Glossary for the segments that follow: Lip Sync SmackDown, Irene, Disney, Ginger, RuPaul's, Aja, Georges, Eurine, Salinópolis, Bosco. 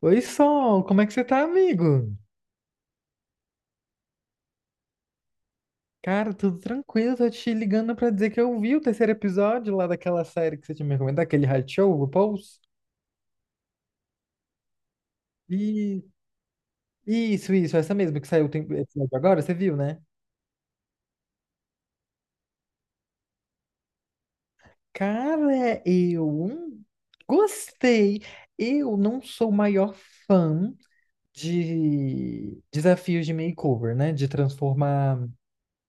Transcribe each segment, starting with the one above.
Oi, Sol, como é que você tá, amigo? Cara, tudo tranquilo, tô te ligando pra dizer que eu vi o terceiro episódio lá daquela série que você tinha me recomendado, aquele reality show, RuPaul's. E isso, essa mesma que saiu o episódio agora, você viu, né? Cara, eu gostei. Eu não sou o maior fã de desafios de makeover, né? De transformar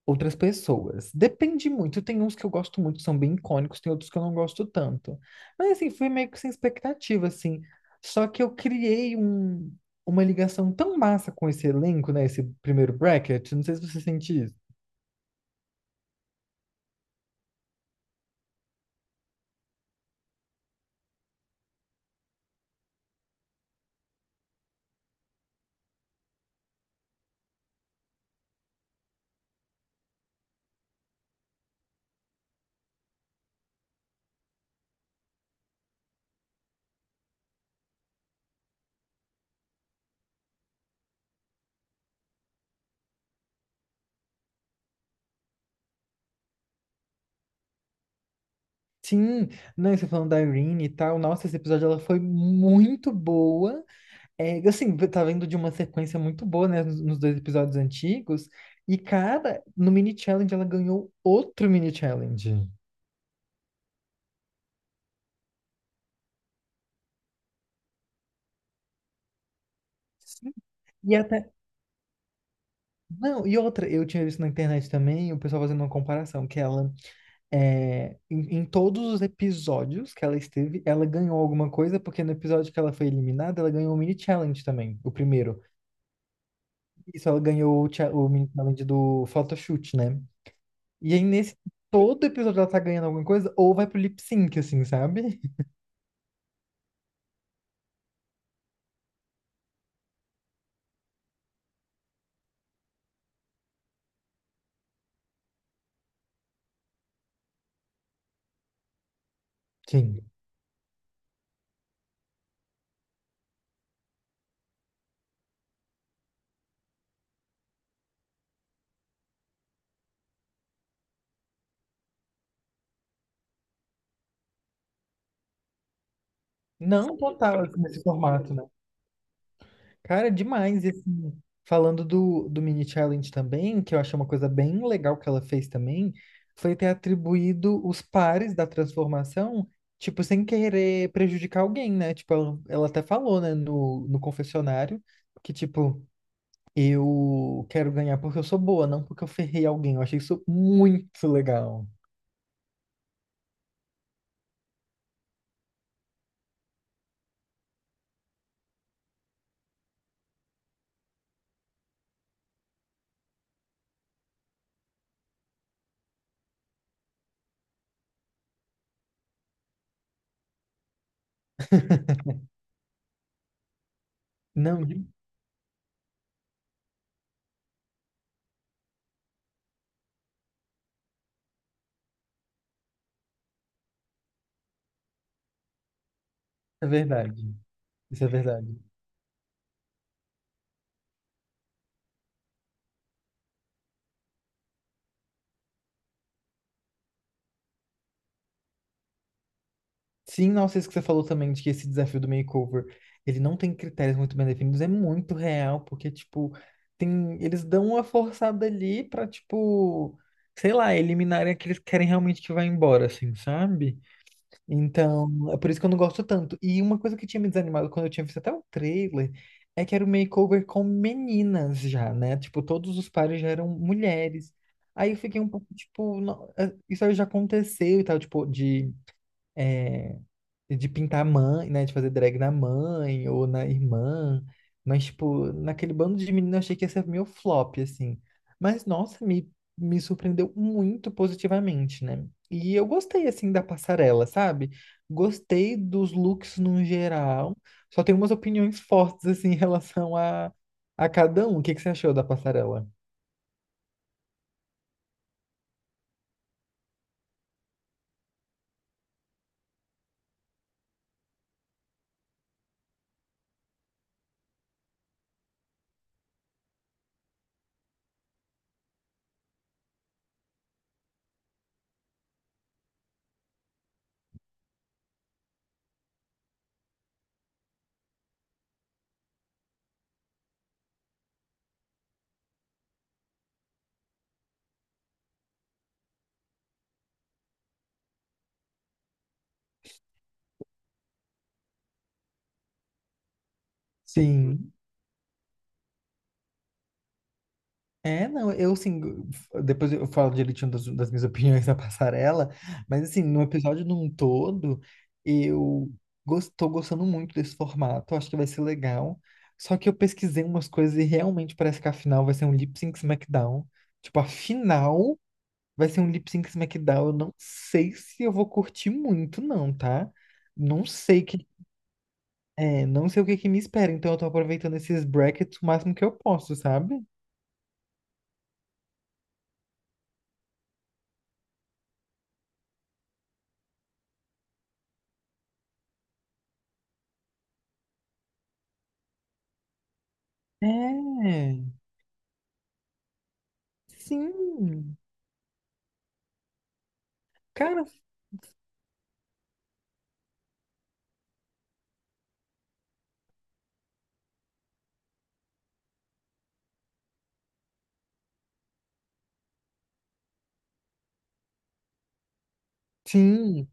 outras pessoas. Depende muito. Tem uns que eu gosto muito, que são bem icônicos, tem outros que eu não gosto tanto. Mas assim, fui meio que sem expectativa, assim. Só que uma ligação tão massa com esse elenco, né? Esse primeiro bracket. Não sei se você sente isso. Sim, não, você falando da Irene e tal. Nossa, esse episódio ela foi muito boa. É, assim, tá vendo de uma sequência muito boa, né? Nos dois episódios antigos. E, cara, no mini challenge ela ganhou outro mini challenge. Sim. E até, não, e outra, eu tinha visto na internet também o pessoal fazendo uma comparação, que ela, é, em todos os episódios que ela esteve, ela ganhou alguma coisa, porque no episódio que ela foi eliminada, ela ganhou o mini challenge também, o primeiro. Isso, ela ganhou o o mini challenge do photoshoot, né? E aí, nesse todo episódio, ela tá ganhando alguma coisa, ou vai pro lip sync, assim, sabe? Sim. Não total, assim, nesse formato, né? Cara, demais. E assim, falando do, do mini challenge também, que eu achei uma coisa bem legal que ela fez também, foi ter atribuído os pares da transformação, tipo, sem querer prejudicar alguém, né? Tipo, ela até falou, né, no, no confessionário, que tipo, eu quero ganhar porque eu sou boa, não porque eu ferrei alguém. Eu achei isso muito legal. Não, de- é verdade. Isso é verdade. Sim, nossa, isso que você falou também, de que esse desafio do makeover, ele não tem critérios muito bem definidos, é muito real, porque, tipo, tem, eles dão uma forçada ali pra, tipo, sei lá, eliminarem aqueles que querem realmente que vá embora, assim, sabe? Então, é por isso que eu não gosto tanto. E uma coisa que tinha me desanimado quando eu tinha visto até o trailer, é que era o makeover com meninas já, né? Tipo, todos os pares já eram mulheres. Aí eu fiquei um pouco, tipo, não, isso aí já aconteceu e tal, tipo, de... eh, de pintar a mãe, né? De fazer drag na mãe ou na irmã. Mas, tipo, naquele bando de menino eu achei que ia ser meu flop, assim. Mas, nossa, me surpreendeu muito positivamente, né? E eu gostei, assim, da passarela, sabe? Gostei dos looks no geral. Só tenho umas opiniões fortes, assim, em relação a cada um. O que que você achou da passarela? Sim. É, não, eu assim, depois eu falo direitinho das, das minhas opiniões na passarela, mas assim, no episódio num todo, eu tô gostando muito desse formato, acho que vai ser legal. Só que eu pesquisei umas coisas e realmente parece que a final vai ser um Lip Sync SmackDown. Tipo, a final vai ser um Lip Sync SmackDown. Eu não sei se eu vou curtir muito, não, tá? Não sei que, é, não sei o que que me espera, então eu tô aproveitando esses brackets o máximo que eu posso, sabe? É. Sim, cara, sim.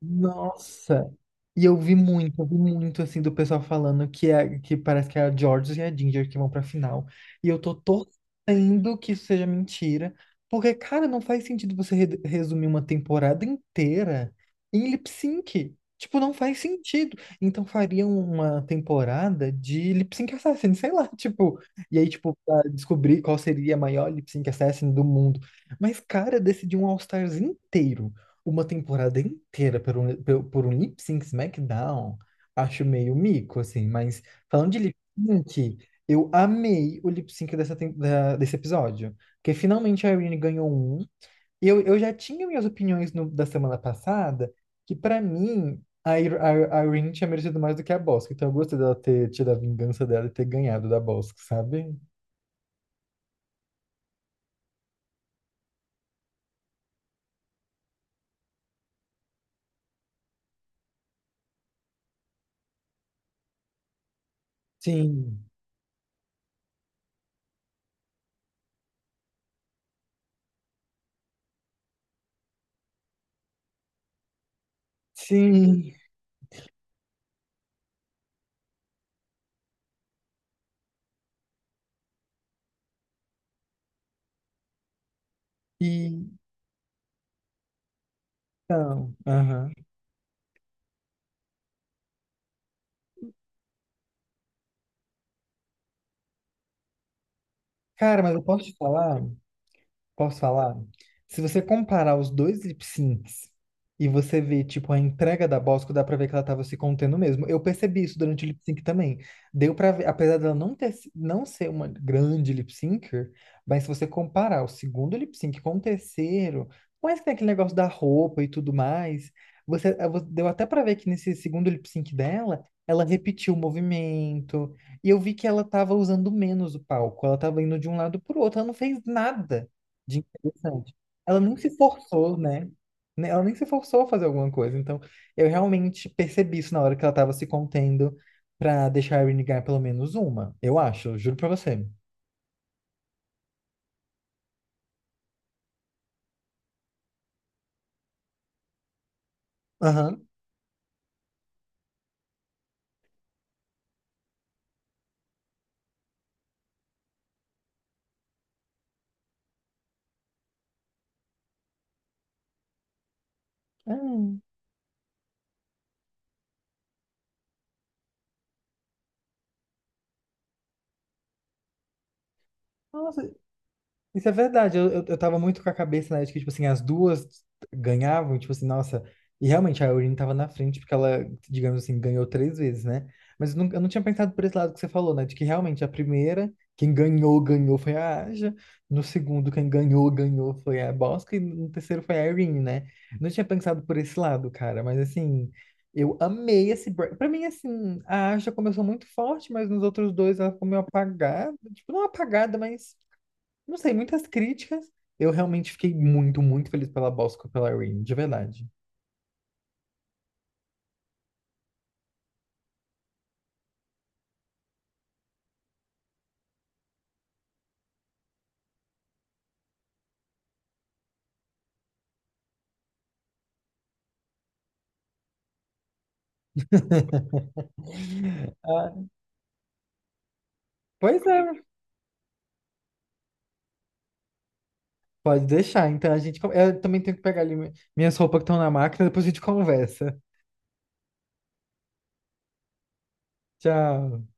Nossa! E eu vi muito assim do pessoal falando que é que parece que é a Georges e a Ginger que vão pra final. E eu tô torcendo que isso seja mentira, porque cara, não faz sentido você resumir uma temporada inteira em lip sync. Tipo, não faz sentido. Então fariam uma temporada de lip sync assassin, sei lá, tipo, e aí tipo pra descobrir qual seria a maior lip sync assassin do mundo. Mas cara, decidiu um All Stars inteiro uma temporada inteira por um lip sync SmackDown, acho meio mico, assim. Mas falando de lip sync, eu amei o lip sync dessa, desse episódio. Porque finalmente a Irene ganhou um. E eu já tinha minhas opiniões da semana passada, que pra mim a Irene tinha merecido mais do que a Bosco. Então eu gostei dela ter tido a vingança dela e ter ganhado da Bosco, sabe? Sim, sim. E então, aham. Cara, mas eu posso te falar? Posso falar? Se você comparar os dois lip syncs e você ver, tipo, a entrega da Bosco, dá pra ver que ela tava se contendo mesmo. Eu percebi isso durante o lip sync também. Deu pra ver, apesar dela não ter, não ser uma grande lip syncer, mas se você comparar o segundo lip sync com o terceiro, mas que tem aquele negócio da roupa e tudo mais, você deu até pra ver que nesse segundo lip sync dela, ela repetiu o movimento, e eu vi que ela tava usando menos o palco, ela tava indo de um lado pro outro, ela não fez nada de interessante. Ela nem se forçou, né? Ela nem se forçou a fazer alguma coisa. Então, eu realmente percebi isso na hora que ela tava se contendo pra deixar a Irene ganhar pelo menos uma. Eu acho, eu juro pra você. Aham. Ah, nossa, isso é verdade. Eu tava muito com a cabeça, né, de que, tipo assim, as duas ganhavam, tipo assim, nossa. E realmente a Eurine tava na frente, porque ela, digamos assim, ganhou três vezes, né? Mas eu não tinha pensado por esse lado que você falou, né? De que realmente a primeira, quem ganhou, ganhou foi a Aja. No segundo, quem ganhou foi a Bosca. E no terceiro foi a Eurine, né? Não tinha pensado por esse lado, cara. Mas assim, eu amei esse break. Pra mim, assim, a Aja começou muito forte, mas nos outros dois ela ficou meio apagada. Tipo, não apagada, mas não sei, muitas críticas. Eu realmente fiquei muito, muito feliz pela Bosco e pela Rain, de verdade. Ah, pois é, pode deixar. Então a gente. Eu também tenho que pegar ali minhas roupas que estão na máquina, depois a gente conversa. Tchau.